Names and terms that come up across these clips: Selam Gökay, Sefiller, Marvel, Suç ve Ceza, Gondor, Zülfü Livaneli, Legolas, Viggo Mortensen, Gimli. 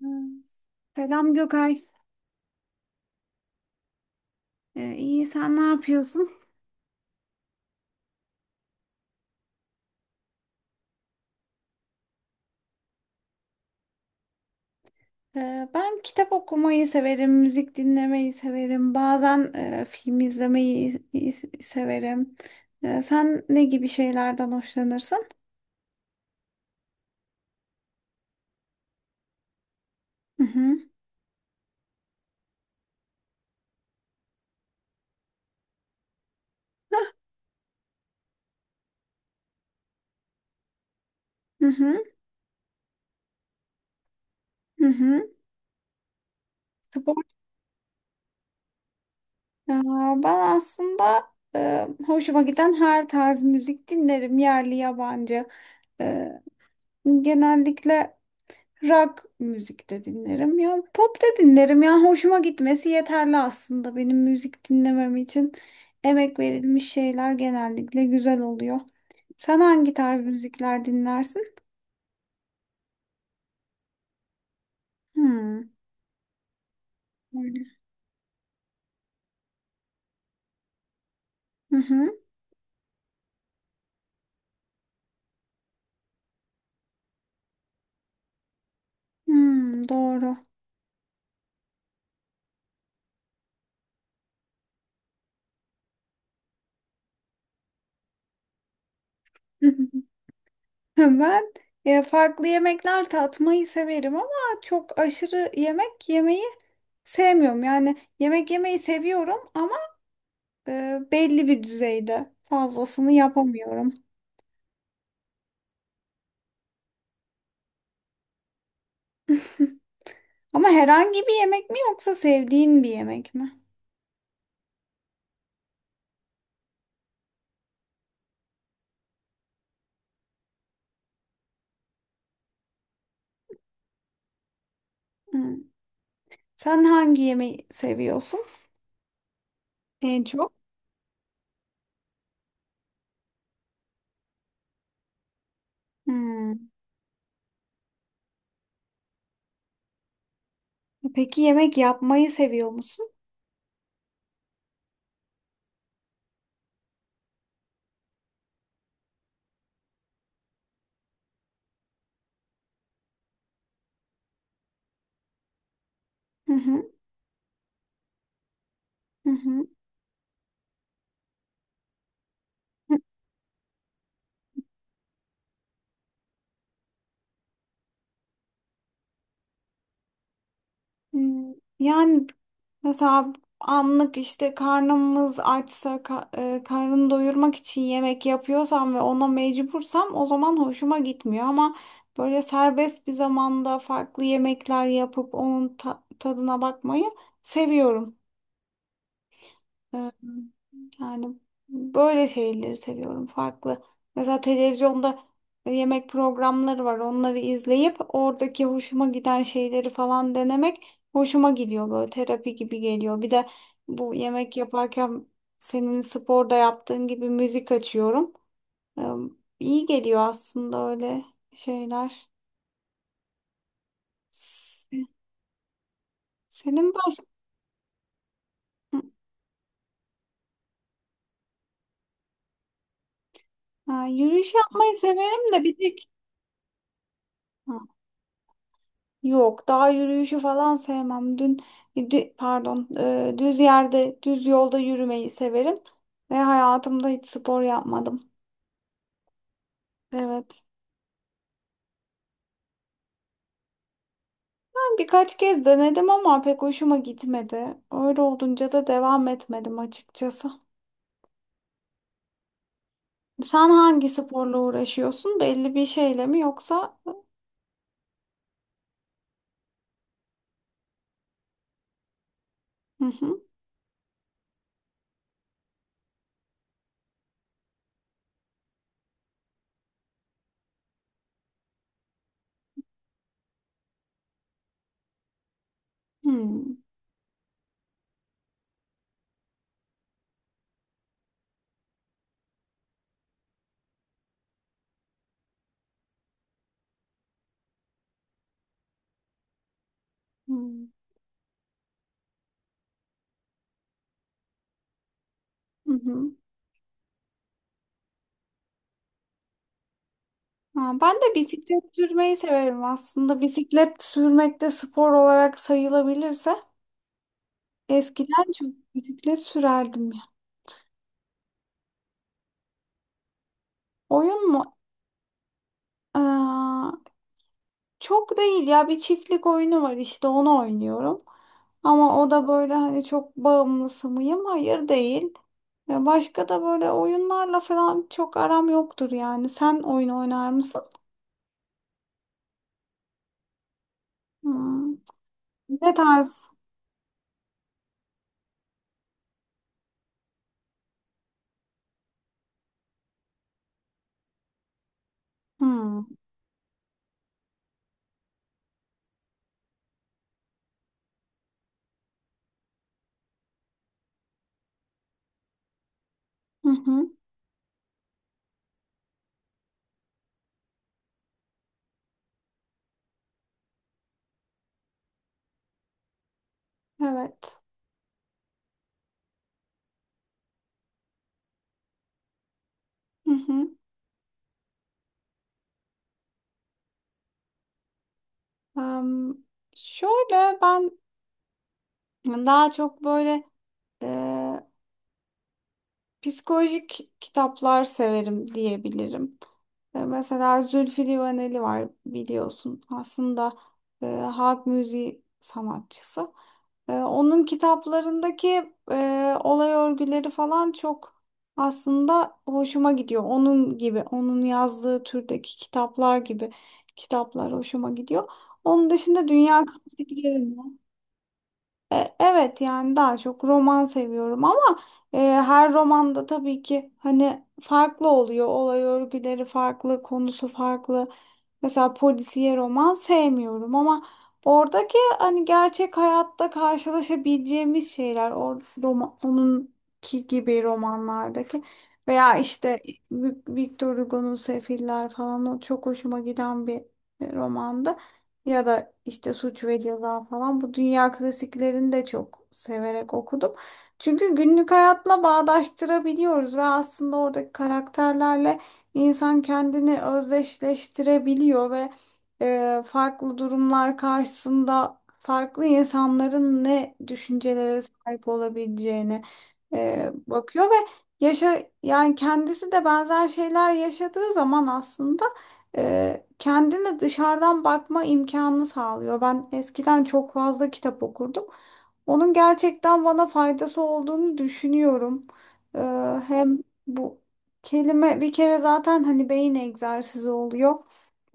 Hmm. Selam Gökay. İyi sen ne yapıyorsun? Ben kitap okumayı severim, müzik dinlemeyi severim. Bazen film izlemeyi severim. Sen ne gibi şeylerden hoşlanırsın? Hı hı. Hı hı. Hı hı. Spor. Aa, ben aslında hoşuma giden her tarz müzik dinlerim, yerli yabancı. Ee, Genellikle rock müzik de dinlerim ya. Pop da dinlerim ya. Hoşuma gitmesi yeterli aslında. Benim müzik dinlemem için emek verilmiş şeyler genellikle güzel oluyor. Sen hangi tarz müzikler dinlersin? Hmm. Öyle. Hı hı. Hmm, doğru. Ben farklı yemekler tatmayı severim ama çok aşırı yemek yemeyi sevmiyorum. Yani yemek yemeyi seviyorum ama belli bir düzeyde fazlasını yapamıyorum. Ama herhangi bir yemek mi yoksa sevdiğin bir yemek mi? Hmm. Sen hangi yemeği seviyorsun en çok? Hmm. Peki yemek yapmayı seviyor musun? Hı hı, hı hı. Hmm. Yani mesela anlık işte karnımız açsa karnını doyurmak için yemek yapıyorsam ve ona mecbursam o zaman hoşuma gitmiyor ama böyle serbest bir zamanda farklı yemekler yapıp onun tadına bakmayı seviyorum. Ee, Yani böyle şeyleri seviyorum farklı. Mesela televizyonda yemek programları var. Onları izleyip oradaki hoşuma giden şeyleri falan denemek hoşuma gidiyor, böyle terapi gibi geliyor. Bir de bu yemek yaparken senin sporda yaptığın gibi müzik açıyorum. Ee, İyi geliyor aslında öyle şeyler. Se- Senin baş... Ha, yürüyüş yapmayı severim de bir tek... Ha, yok, dağ yürüyüşü falan sevmem. Pardon, düz yerde, düz yolda yürümeyi severim ve hayatımda hiç spor yapmadım. Evet. Ben birkaç kez denedim ama pek hoşuma gitmedi. Öyle olunca da devam etmedim açıkçası. Sen hangi sporla uğraşıyorsun? Belli bir şeyle mi yoksa? Hı hı. Hmm. Hmm. Hı hı. Ha, ben de bisiklet sürmeyi severim aslında. Bisiklet sürmek de spor olarak sayılabilirse. Eskiden çok bisiklet sürerdim ya. Oyun mu? Aa, çok değil ya, bir çiftlik oyunu var, işte onu oynuyorum. Ama o da böyle, hani, çok bağımlısı mıyım? Hayır, değil. Ya, başka da böyle oyunlarla falan çok aram yoktur yani. Sen oyun oynar mısın? Hmm. Ne tarz? Hmm. Hı hı. Evet. Hı hı. Em, Şöyle ben daha çok böyle psikolojik kitaplar severim diyebilirim. Mesela Zülfü Livaneli var, biliyorsun. Aslında halk müziği sanatçısı. Onun kitaplarındaki olay örgüleri falan çok aslında hoşuma gidiyor. Onun gibi, onun yazdığı türdeki kitaplar gibi kitaplar hoşuma gidiyor. Onun dışında dünya klasikleri. Evet, yani daha çok roman seviyorum ama her romanda tabii ki hani farklı oluyor. Olay örgüleri farklı, konusu farklı. Mesela polisiye roman sevmiyorum ama oradaki hani gerçek hayatta karşılaşabileceğimiz şeyler or roman, onunki gibi romanlardaki veya işte Victor Hugo'nun Sefiller falan, o çok hoşuma giden bir romandı, ya da işte Suç ve Ceza falan, bu dünya klasiklerini de çok severek okudum. Çünkü günlük hayatla bağdaştırabiliyoruz ve aslında oradaki karakterlerle insan kendini özdeşleştirebiliyor ve farklı durumlar karşısında farklı insanların ne düşüncelere sahip olabileceğini bakıyor ve yaşa, yani kendisi de benzer şeyler yaşadığı zaman aslında kendine dışarıdan bakma imkanını sağlıyor. Ben eskiden çok fazla kitap okurdum. Onun gerçekten bana faydası olduğunu düşünüyorum. E, Hem bu kelime bir kere zaten hani beyin egzersizi oluyor.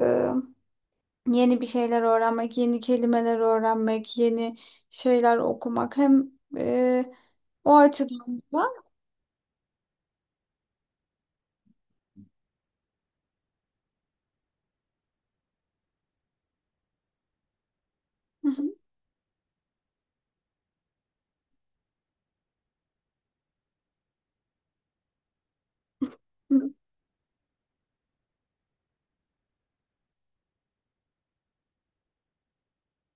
E, Yeni bir şeyler öğrenmek, yeni kelimeler öğrenmek, yeni şeyler okumak hem o açıdan da. Hı hı.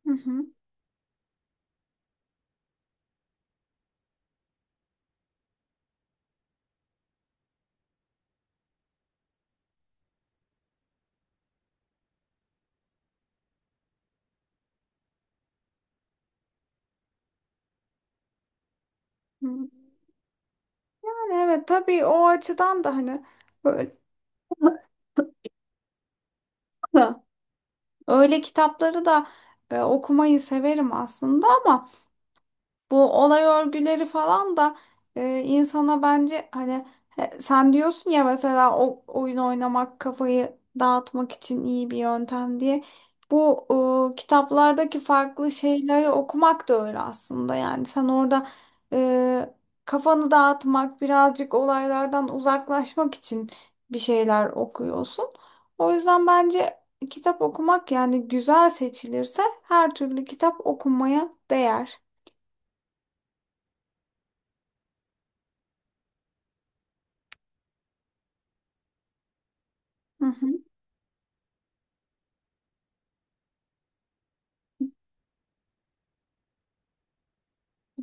Hı hı. Hı. Yani evet, tabii o açıdan da hani böyle öyle kitapları da okumayı severim aslında ama bu olay örgüleri falan da insana, bence hani, sen diyorsun ya mesela, o oyun oynamak kafayı dağıtmak için iyi bir yöntem diye. Bu kitaplardaki farklı şeyleri okumak da öyle aslında. Yani sen orada e, kafanı dağıtmak, birazcık olaylardan uzaklaşmak için bir şeyler okuyorsun. O yüzden bence kitap okumak, yani güzel seçilirse her türlü kitap, okunmaya değer. Hı hı.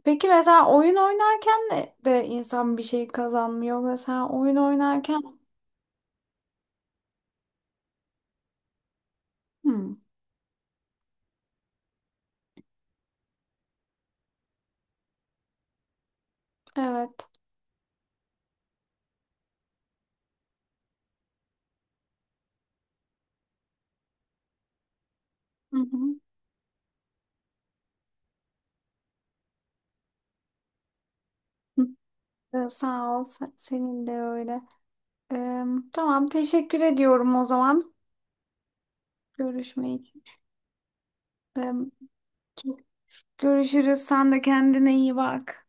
Peki mesela oyun oynarken de insan bir şey kazanmıyor. Mesela oyun oynarken. Hmm, evet. Hı hı. Sağ ol. Senin de öyle. Ee, tamam, teşekkür ediyorum o zaman. Görüşme için. Ee, Çok görüşürüz. Sen de kendine iyi bak.